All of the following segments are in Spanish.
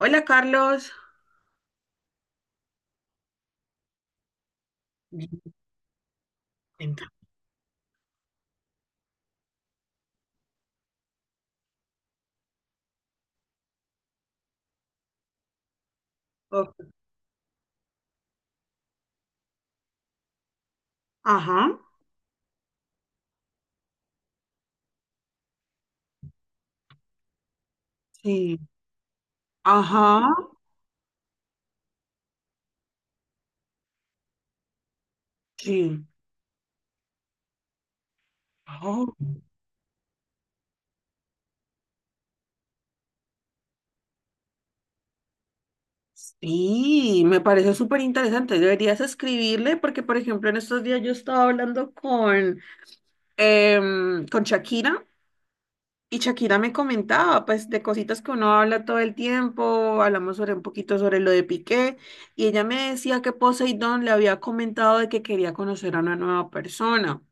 Hola Carlos. Entra. Oh, ajá, sí, ajá, sí. Oh, sí, me parece súper interesante. Deberías escribirle porque, por ejemplo, en estos días yo estaba hablando con Shakira. Y Shakira me comentaba, pues, de cositas que uno habla todo el tiempo, hablamos sobre un poquito sobre lo de Piqué, y ella me decía que Poseidón le había comentado de que quería conocer a una nueva persona,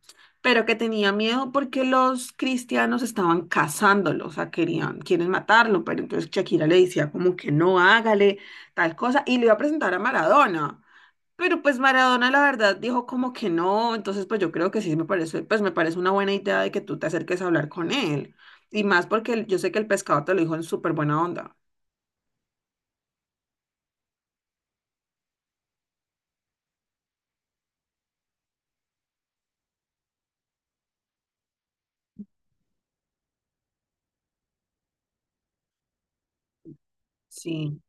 pero que tenía miedo porque los cristianos estaban cazándolo, o sea, querían, quieren matarlo, pero entonces Shakira le decía como que no hágale tal cosa, y le iba a presentar a Maradona. Pero pues Maradona la verdad dijo como que no, entonces pues yo creo que sí me parece, pues me parece una buena idea de que tú te acerques a hablar con él. Y más porque yo sé que el pescado te lo dijo en súper buena onda. Sí.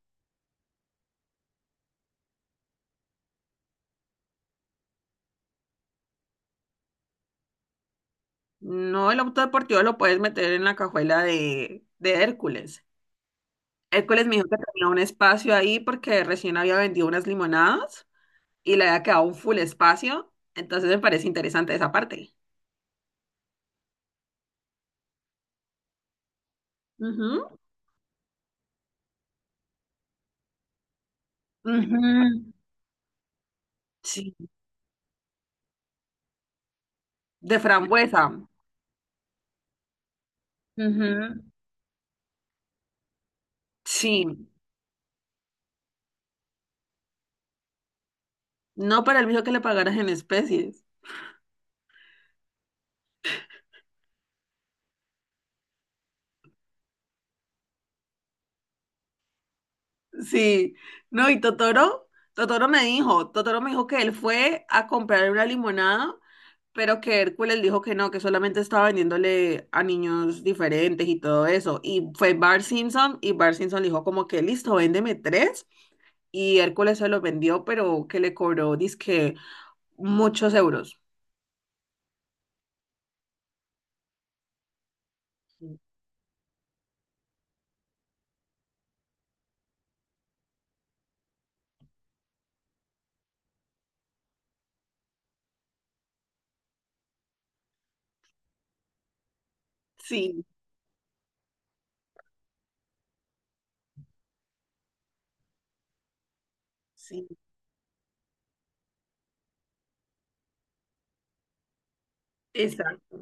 No, el auto deportivo lo puedes meter en la cajuela de Hércules. Hércules me dijo que tenía un espacio ahí porque recién había vendido unas limonadas y le había quedado un full espacio. Entonces me parece interesante esa parte. Ujú. Ujú. Sí. De frambuesa. Ujú. Sí. No para el bicho que le pagaras en especies. Sí. No, y Totoro, Totoro me dijo que él fue a comprar una limonada, pero que Hércules dijo que no, que solamente estaba vendiéndole a niños diferentes y todo eso. Y fue Bart Simpson y Bart Simpson le dijo como que listo, véndeme tres. Y Hércules se los vendió, pero que le cobró, dizque, muchos euros. Sí, sí. Exacto.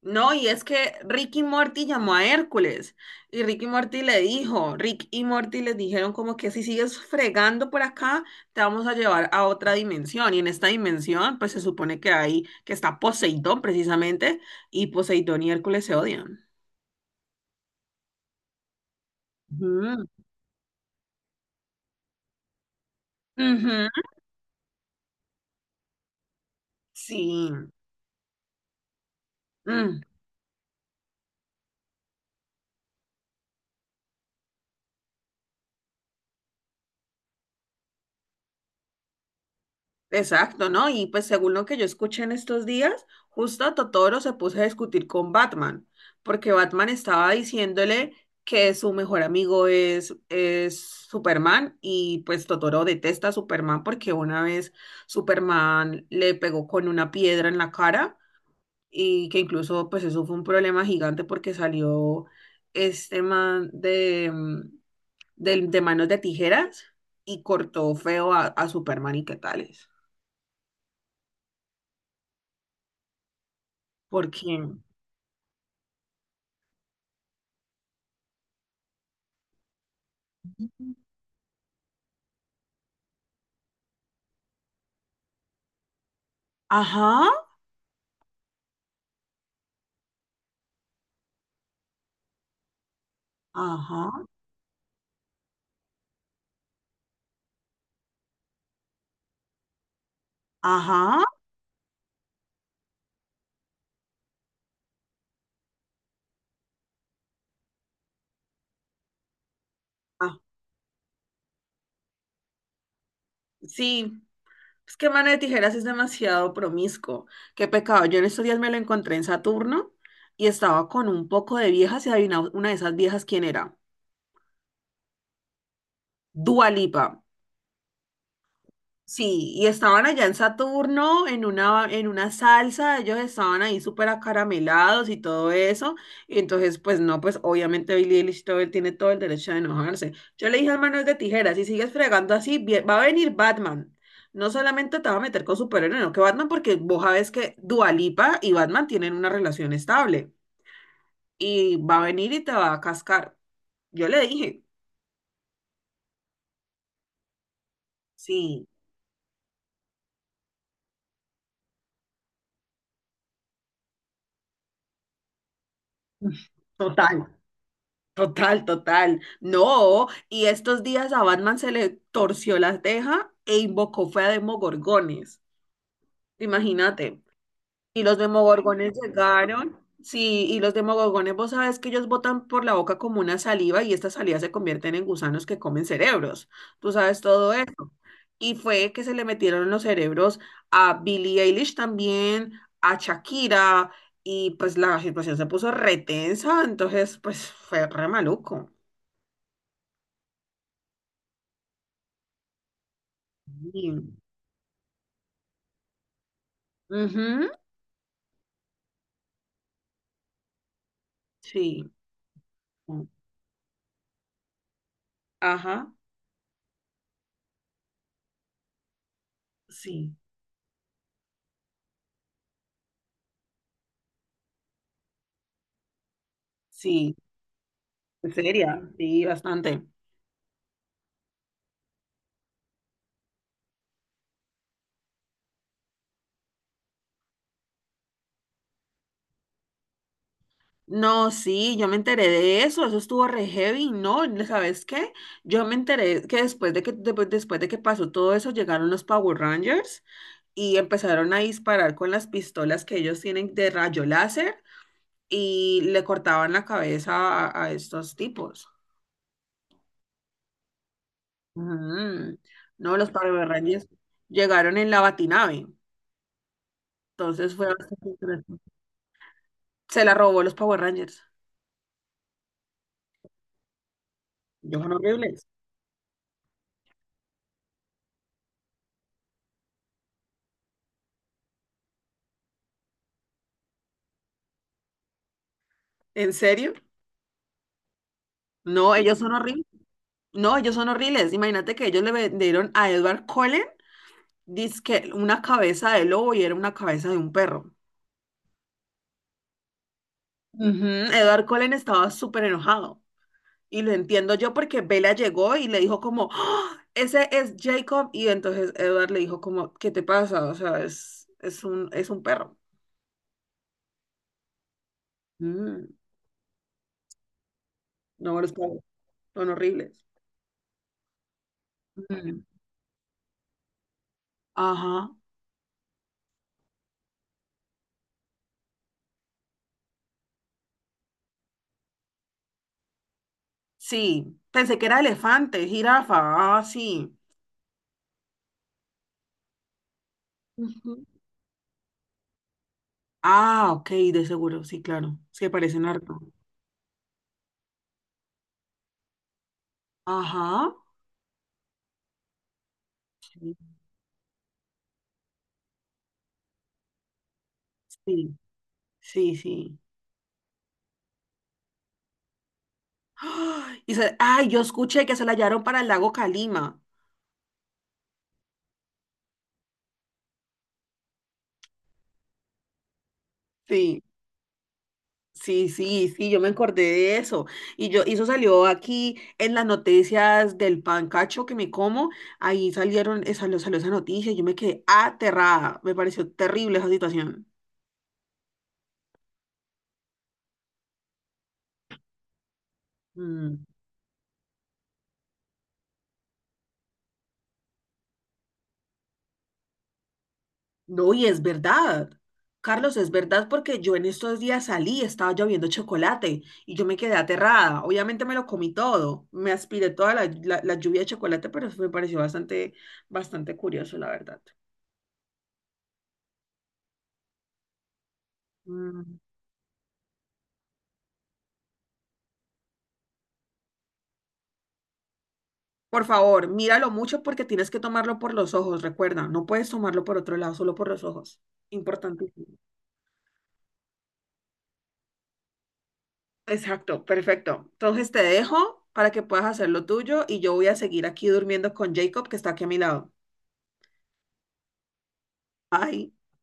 No, y es que Ricky Morty llamó a Hércules y Ricky Morty le dijo, Rick y Morty les dijeron como que si sigues fregando por acá, te vamos a llevar a otra dimensión. Y en esta dimensión, pues se supone que hay, que está Poseidón precisamente, y Poseidón y Hércules se odian. Ujú. Ujú. Sí. Mm. Exacto, ¿no? Y pues según lo que yo escuché en estos días, justo a Totoro se puso a discutir con Batman, porque Batman estaba diciéndole que su mejor amigo es Superman y pues Totoro detesta a Superman porque una vez Superman le pegó con una piedra en la cara y que incluso pues eso fue un problema gigante porque salió este man de manos de tijeras y cortó feo a Superman y qué tales. ¿Por quién? Ajá, ajá, ajá. Ah, sí, es que Mano de Tijeras sí es demasiado promiscuo. Qué pecado. Yo en estos días me lo encontré en Saturno y estaba con un poco de viejas y adivinaba una de esas viejas quién era. Dua Lipa. Sí, y estaban allá en Saturno en una salsa, ellos estaban ahí súper acaramelados y todo eso. Y entonces, pues no, pues obviamente Billie Eilish todo, él tiene todo el derecho de enojarse. Yo le dije al Manuel de Tijeras, si sigues fregando así, va a venir Batman. No solamente te va a meter con superhéroe, no que Batman, porque vos sabes que Dua Lipa y Batman tienen una relación estable. Y va a venir y te va a cascar. Yo le dije, sí, total. Total, total. No, y estos días a Batman se le torció la teja e invocó fue a Demogorgones. Imagínate. Y los Demogorgones llegaron. Sí, y los Demogorgones, vos sabes que ellos botan por la boca como una saliva y esta saliva se convierten en gusanos que comen cerebros. Tú sabes todo eso. Y fue que se le metieron en los cerebros a Billie Eilish también, a Shakira, y pues la situación se puso retensa, entonces pues fue re maluco. Bien. Ujú. Sí. Ajá. Sí. Sí. Seria. Sí, bastante. No, sí, yo me enteré de eso. Eso estuvo re heavy. No, ¿sabes qué? Yo me enteré que después de que pues, después de que pasó todo eso, llegaron los Power Rangers y empezaron a disparar con las pistolas que ellos tienen de rayo láser y le cortaban la cabeza a estos tipos. Ujú. No, los Power Rangers llegaron en la batinave. Entonces fue bastante interesante. Se la robó los Power Rangers. Ellos son horribles. ¿En serio? No, ellos son horribles. No, ellos son horribles. Imagínate que ellos le vendieron a Edward Cullen dizque una cabeza de lobo y era una cabeza de un perro. Ujú. Edward Cullen estaba súper enojado. Y lo entiendo yo porque Bella llegó y le dijo como, "¡Ah! Ese es Jacob". Y entonces Edward le dijo como, ¿qué te pasa? O sea, es un perro. Mm, no, los perros son horribles. Mm. Ajá. Sí, pensé que era elefante, jirafa, ah, sí. Ujú. Ah, ok, de seguro, sí, claro, se parecen harto. Ajá, sí, sí, sí, sí. ¡Ah! Y ay, yo escuché que se la hallaron para el lago Calima. Sí, sí, sí, sí, yo me acordé de eso. Y yo, y eso salió aquí en las noticias del pancacho que me como, ahí salió esa noticia, y yo me quedé aterrada, me pareció terrible esa situación. Mm. No, y es verdad. Carlos, es verdad porque yo en estos días salí, estaba lloviendo chocolate y yo me quedé aterrada. Obviamente me lo comí todo, me aspiré toda la lluvia de chocolate, pero eso me pareció bastante, bastante curioso, la verdad. Mm. Por favor, míralo mucho porque tienes que tomarlo por los ojos, recuerda, no puedes tomarlo por otro lado, solo por los ojos. Importantísimo. Exacto, perfecto. Entonces te dejo para que puedas hacer lo tuyo y yo voy a seguir aquí durmiendo con Jacob que está aquí a mi lado. Bye.